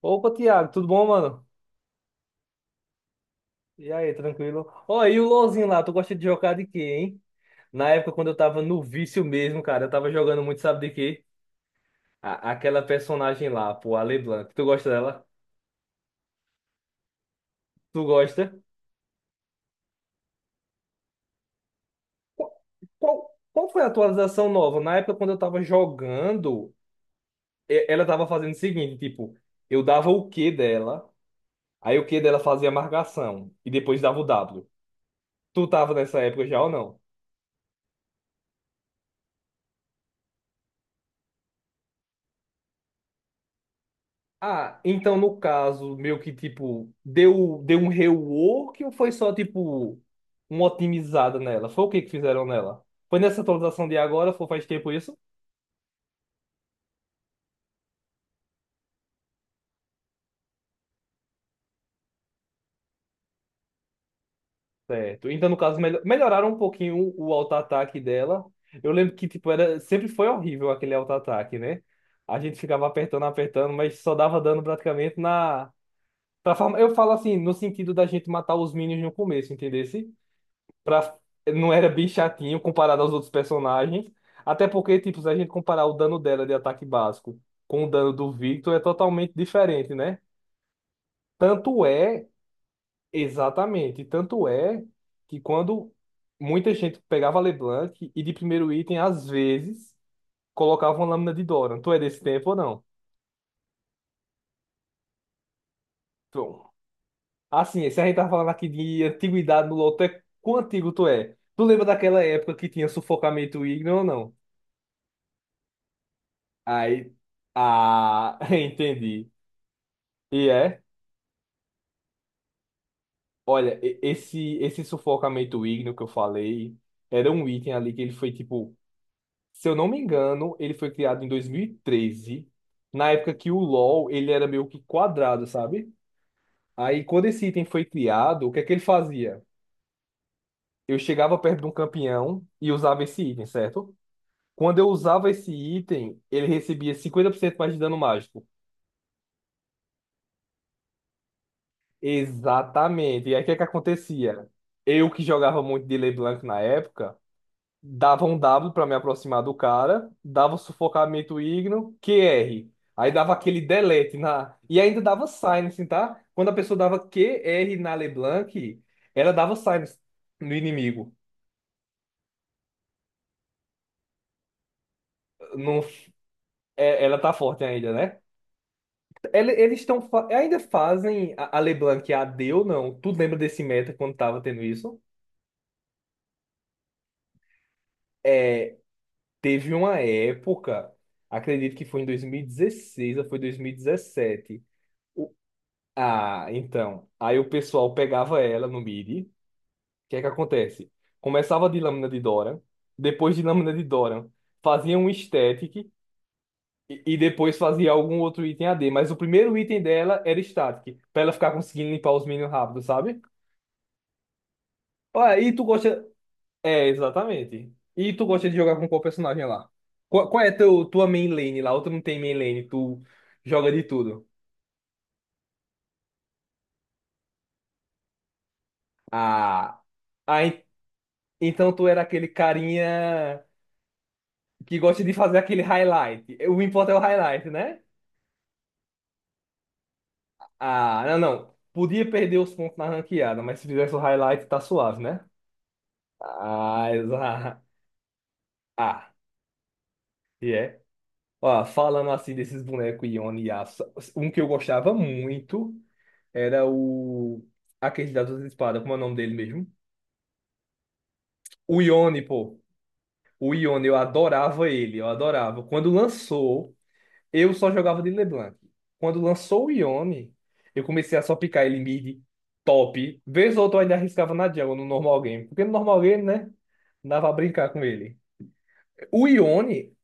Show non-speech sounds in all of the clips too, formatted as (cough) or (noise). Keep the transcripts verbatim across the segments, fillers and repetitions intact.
Opa, Thiago, tudo bom, mano? E aí, tranquilo? Ó, e o LoLzinho lá, tu gosta de jogar de quê, hein? Na época, quando eu tava no vício mesmo, cara, eu tava jogando muito, sabe de quê? A- aquela personagem lá, pô, a LeBlanc. Tu gosta dela? Tu gosta? Qual, qual, qual foi a atualização nova? Na época, quando eu tava jogando, e- ela tava fazendo o seguinte, tipo, eu dava o Q dela, aí o Q dela fazia marcação, e depois dava o W. Tu tava nessa época já ou não? Ah, então, no caso, meio que tipo, deu, deu um rework ou foi só tipo uma otimizada nela? Foi o que que fizeram nela? Foi nessa atualização de agora, foi faz tempo isso? Certo. Então, no caso, melho- melhoraram um pouquinho o auto-ataque dela. Eu lembro que tipo era sempre foi horrível aquele auto-ataque, né? A gente ficava apertando, apertando, mas só dava dano praticamente na pra forma- eu falo assim, no sentido da gente matar os minions no começo, entendeu? pra... não era bem chatinho comparado aos outros personagens. Até porque, tipo, se a gente comparar o dano dela de ataque básico com o dano do Victor, é totalmente diferente, né? Tanto é, exatamente, tanto é que quando muita gente pegava a LeBlanc e de primeiro item, às vezes, colocava uma lâmina de Doran. Tu é desse tempo ou não? Tu- Assim, se a gente tá falando aqui de antiguidade no LoL, tu é... quão antigo tu é? Tu lembra daquela época que tinha sufocamento ígneo ou não? Aí, ah, (laughs) entendi. E é, olha, e- esse esse sufocamento ígneo que eu falei era um item ali que ele foi tipo, se eu não me engano, ele foi criado em dois mil e treze, na época que o LoL ele era meio que quadrado, sabe? Aí quando esse item foi criado, o que é que ele fazia? Eu chegava perto de um campeão e usava esse item, certo? Quando eu usava esse item, ele recebia cinquenta por cento mais de dano mágico. Exatamente. E aí o que é que acontecia? Eu que jogava muito de LeBlanc na época, dava um W pra me aproximar do cara, dava o sufocamento igno, Q R. Aí dava aquele delete na. E ainda dava silence, tá? Quando a pessoa dava Q R na LeBlanc, ela dava silence no inimigo. Não... é- ela tá forte ainda, né? Ele- Eles estão. Ainda fazem a a LeBlanc a AD ou não? Tu lembra desse meta quando tava tendo isso? É. Teve uma época, acredito que foi em dois mil e dezesseis ou foi dois mil e dezessete. O- Ah, então. Aí o pessoal pegava ela no mid. O que é que acontece? Começava de Lâmina de Dora, depois de Lâmina de Dora, fazia um static e, e depois fazia algum outro item a d. Mas o primeiro item dela era static, pra ela ficar conseguindo limpar os minions rápido, sabe? Olha, e tu gosta. É, exatamente. E tu gosta de jogar com qual personagem lá? Qual, qual é teu, tua main lane lá? Ou tu não tem main lane, tu joga de tudo. Ah, ah, en- então tu era aquele carinha que gosta de fazer aquele highlight. O importante é o highlight, né? Ah, não, não. Podia perder os pontos na ranqueada, mas se fizesse o highlight, tá suave, né? Ah, exato. (laughs) Ah, e é. Ó, falando assim desses bonecos Yone e Yasuo, um que eu gostava muito. Era o. Aquele das duas espadas, como é o nome dele mesmo? O Ione, pô. O Ione, eu adorava ele, eu adorava. Quando lançou, eu só jogava de LeBlanc. Quando lançou o Ione, eu comecei a só picar ele mid, top. Vez ou outra eu ainda arriscava na jungle, no normal game. Porque no normal game, né? Dava pra brincar com ele. O Ione,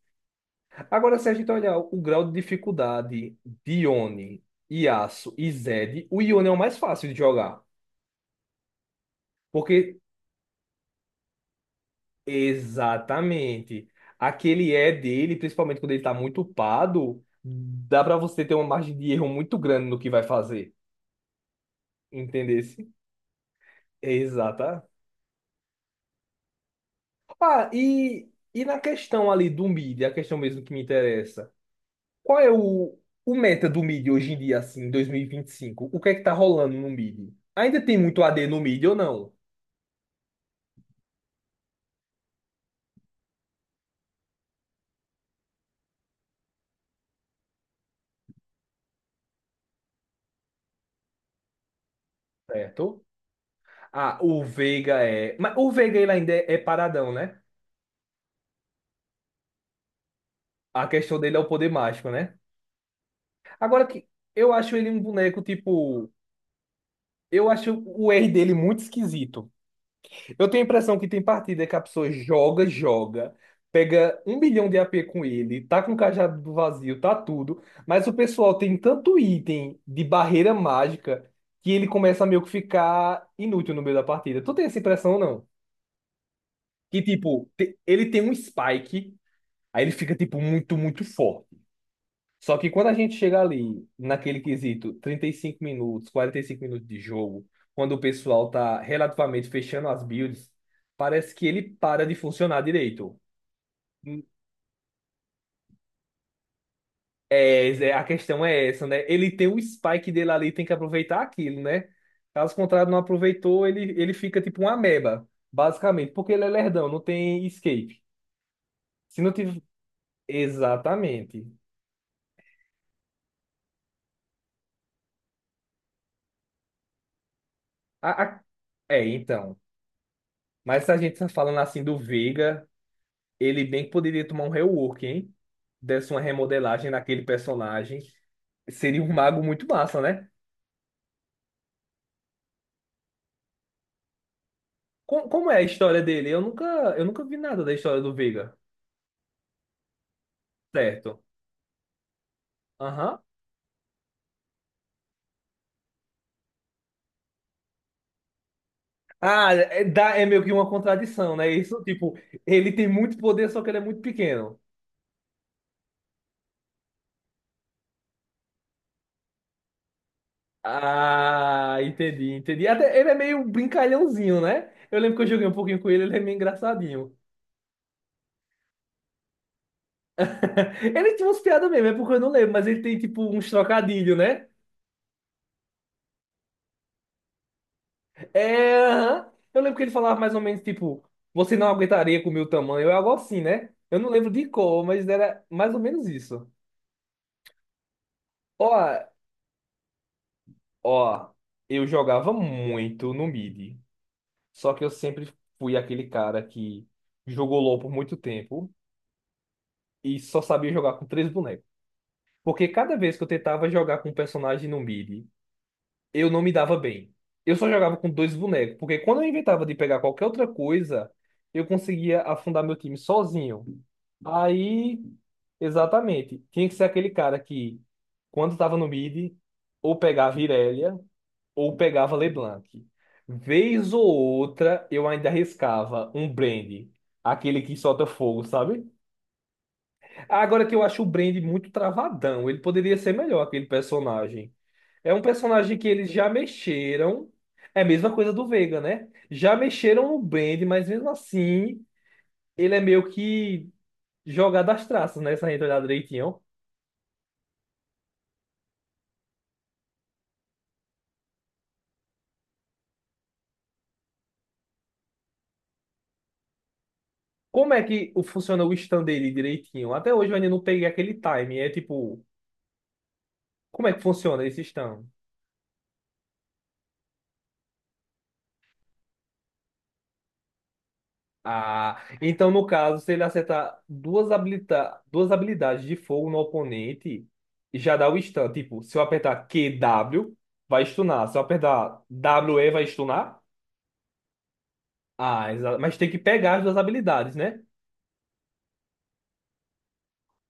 agora se a gente olhar o grau de dificuldade de Ione, Yasuo e Zed, o Ione é o mais fácil de jogar. Porque Exatamente. Aquele é dele, principalmente quando ele tá muito upado, dá pra você ter uma margem de erro muito grande no que vai fazer. Entendesse? Exata. Ah, e, e na questão ali do mid, a questão mesmo que me interessa. Qual é o, o meta do mid hoje em dia, assim, em dois mil e vinte e cinco? O que é que tá rolando no mid? Ainda tem muito A D no mid ou não? Certo? Ah, o Veiga é. Mas o Veiga ele ainda é, é paradão, né? A questão dele é o poder mágico, né? Agora que eu acho ele um boneco, tipo. Eu acho o R dele muito esquisito. Eu tenho a impressão que tem partida que a pessoa joga, joga, pega um milhão de A P com ele, tá com o cajado do vazio, tá tudo. Mas o pessoal tem tanto item de barreira mágica que ele começa a meio que ficar inútil no meio da partida. Tu tem essa impressão, ou não? Que, tipo, te- ele tem um spike, aí ele fica, tipo, muito, muito forte. Só que quando a gente chega ali, naquele quesito, trinta e cinco minutos, quarenta e cinco minutos de jogo, quando o pessoal tá relativamente fechando as builds, parece que ele para de funcionar direito. É, Zé, a questão é essa, né? Ele tem o spike dele ali, tem que aproveitar aquilo, né? Caso contrário, não aproveitou, ele, ele fica tipo uma ameba, basicamente, porque ele é lerdão, não tem escape. Se não tiver. Exatamente. A- a- É, então. Mas se a gente tá falando assim do Veiga. Ele bem que poderia tomar um rework, hein? Desse uma remodelagem naquele personagem. Seria um mago muito massa, né? Com- Como é a história dele? Eu nunca, eu nunca vi nada da história do Veiga. Certo. Aham. Ah, é, dá- é meio que uma contradição, né? Isso, tipo, ele tem muito poder, só que ele é muito pequeno. Ah, entendi, entendi. Até ele é meio brincalhãozinho, né? Eu lembro que eu joguei um pouquinho com ele, ele é meio engraçadinho. (laughs) Ele tinha umas piadas mesmo, é porque eu não lembro, mas ele tem tipo uns trocadilhos, né? É, aham. Eu lembro que ele falava mais ou menos tipo, você não aguentaria com o meu tamanho, é algo assim, né? Eu não lembro de cor, mas era mais ou menos isso. Ó, ó, eu jogava muito no mid, só que eu sempre fui aquele cara que jogou LoL por muito tempo e só sabia jogar com três bonecos. Porque cada vez que eu tentava jogar com um personagem no mid, eu não me dava bem. Eu só jogava com dois bonecos, porque quando eu inventava de pegar qualquer outra coisa, eu conseguia afundar meu time sozinho. Aí, exatamente, tinha que ser aquele cara que, quando estava no mid, ou pegava Irelia, ou pegava LeBlanc. Vez ou outra, eu ainda arriscava um Brand, aquele que solta fogo, sabe? Agora que eu acho o Brand muito travadão, ele poderia ser melhor aquele personagem. É um personagem que eles já mexeram. É a mesma coisa do Vega, né? Já mexeram no Brand, mas mesmo assim, ele é meio que jogado às traças, né? Se a gente olhar direitinho. Como é que o- funciona o stand dele direitinho? Até hoje eu ainda não peguei aquele time. É tipo, como é que funciona esse stand? Ah, então no caso, se ele acertar duas, habilita duas habilidades de fogo no oponente, já dá o stun. Tipo, se eu apertar Q W vai stunar. Se eu apertar W E vai stunar. Ah, exa- mas tem que pegar as duas habilidades, né?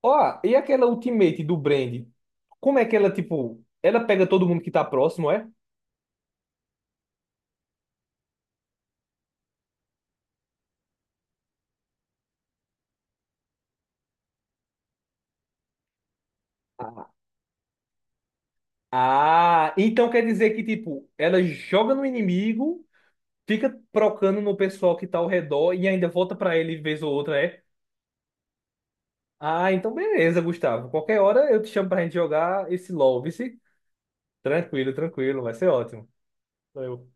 Ó, e aquela ultimate do Brand? Como é que ela, tipo, ela pega todo mundo que tá próximo, é? Ah, ah, então quer dizer que, tipo, ela joga no inimigo, fica procando no pessoal que tá ao redor e ainda volta pra ele vez ou outra, é? Ah, então beleza, Gustavo. Qualquer hora eu te chamo pra gente jogar esse LOL, vice? Tranquilo, tranquilo, vai ser ótimo. Valeu.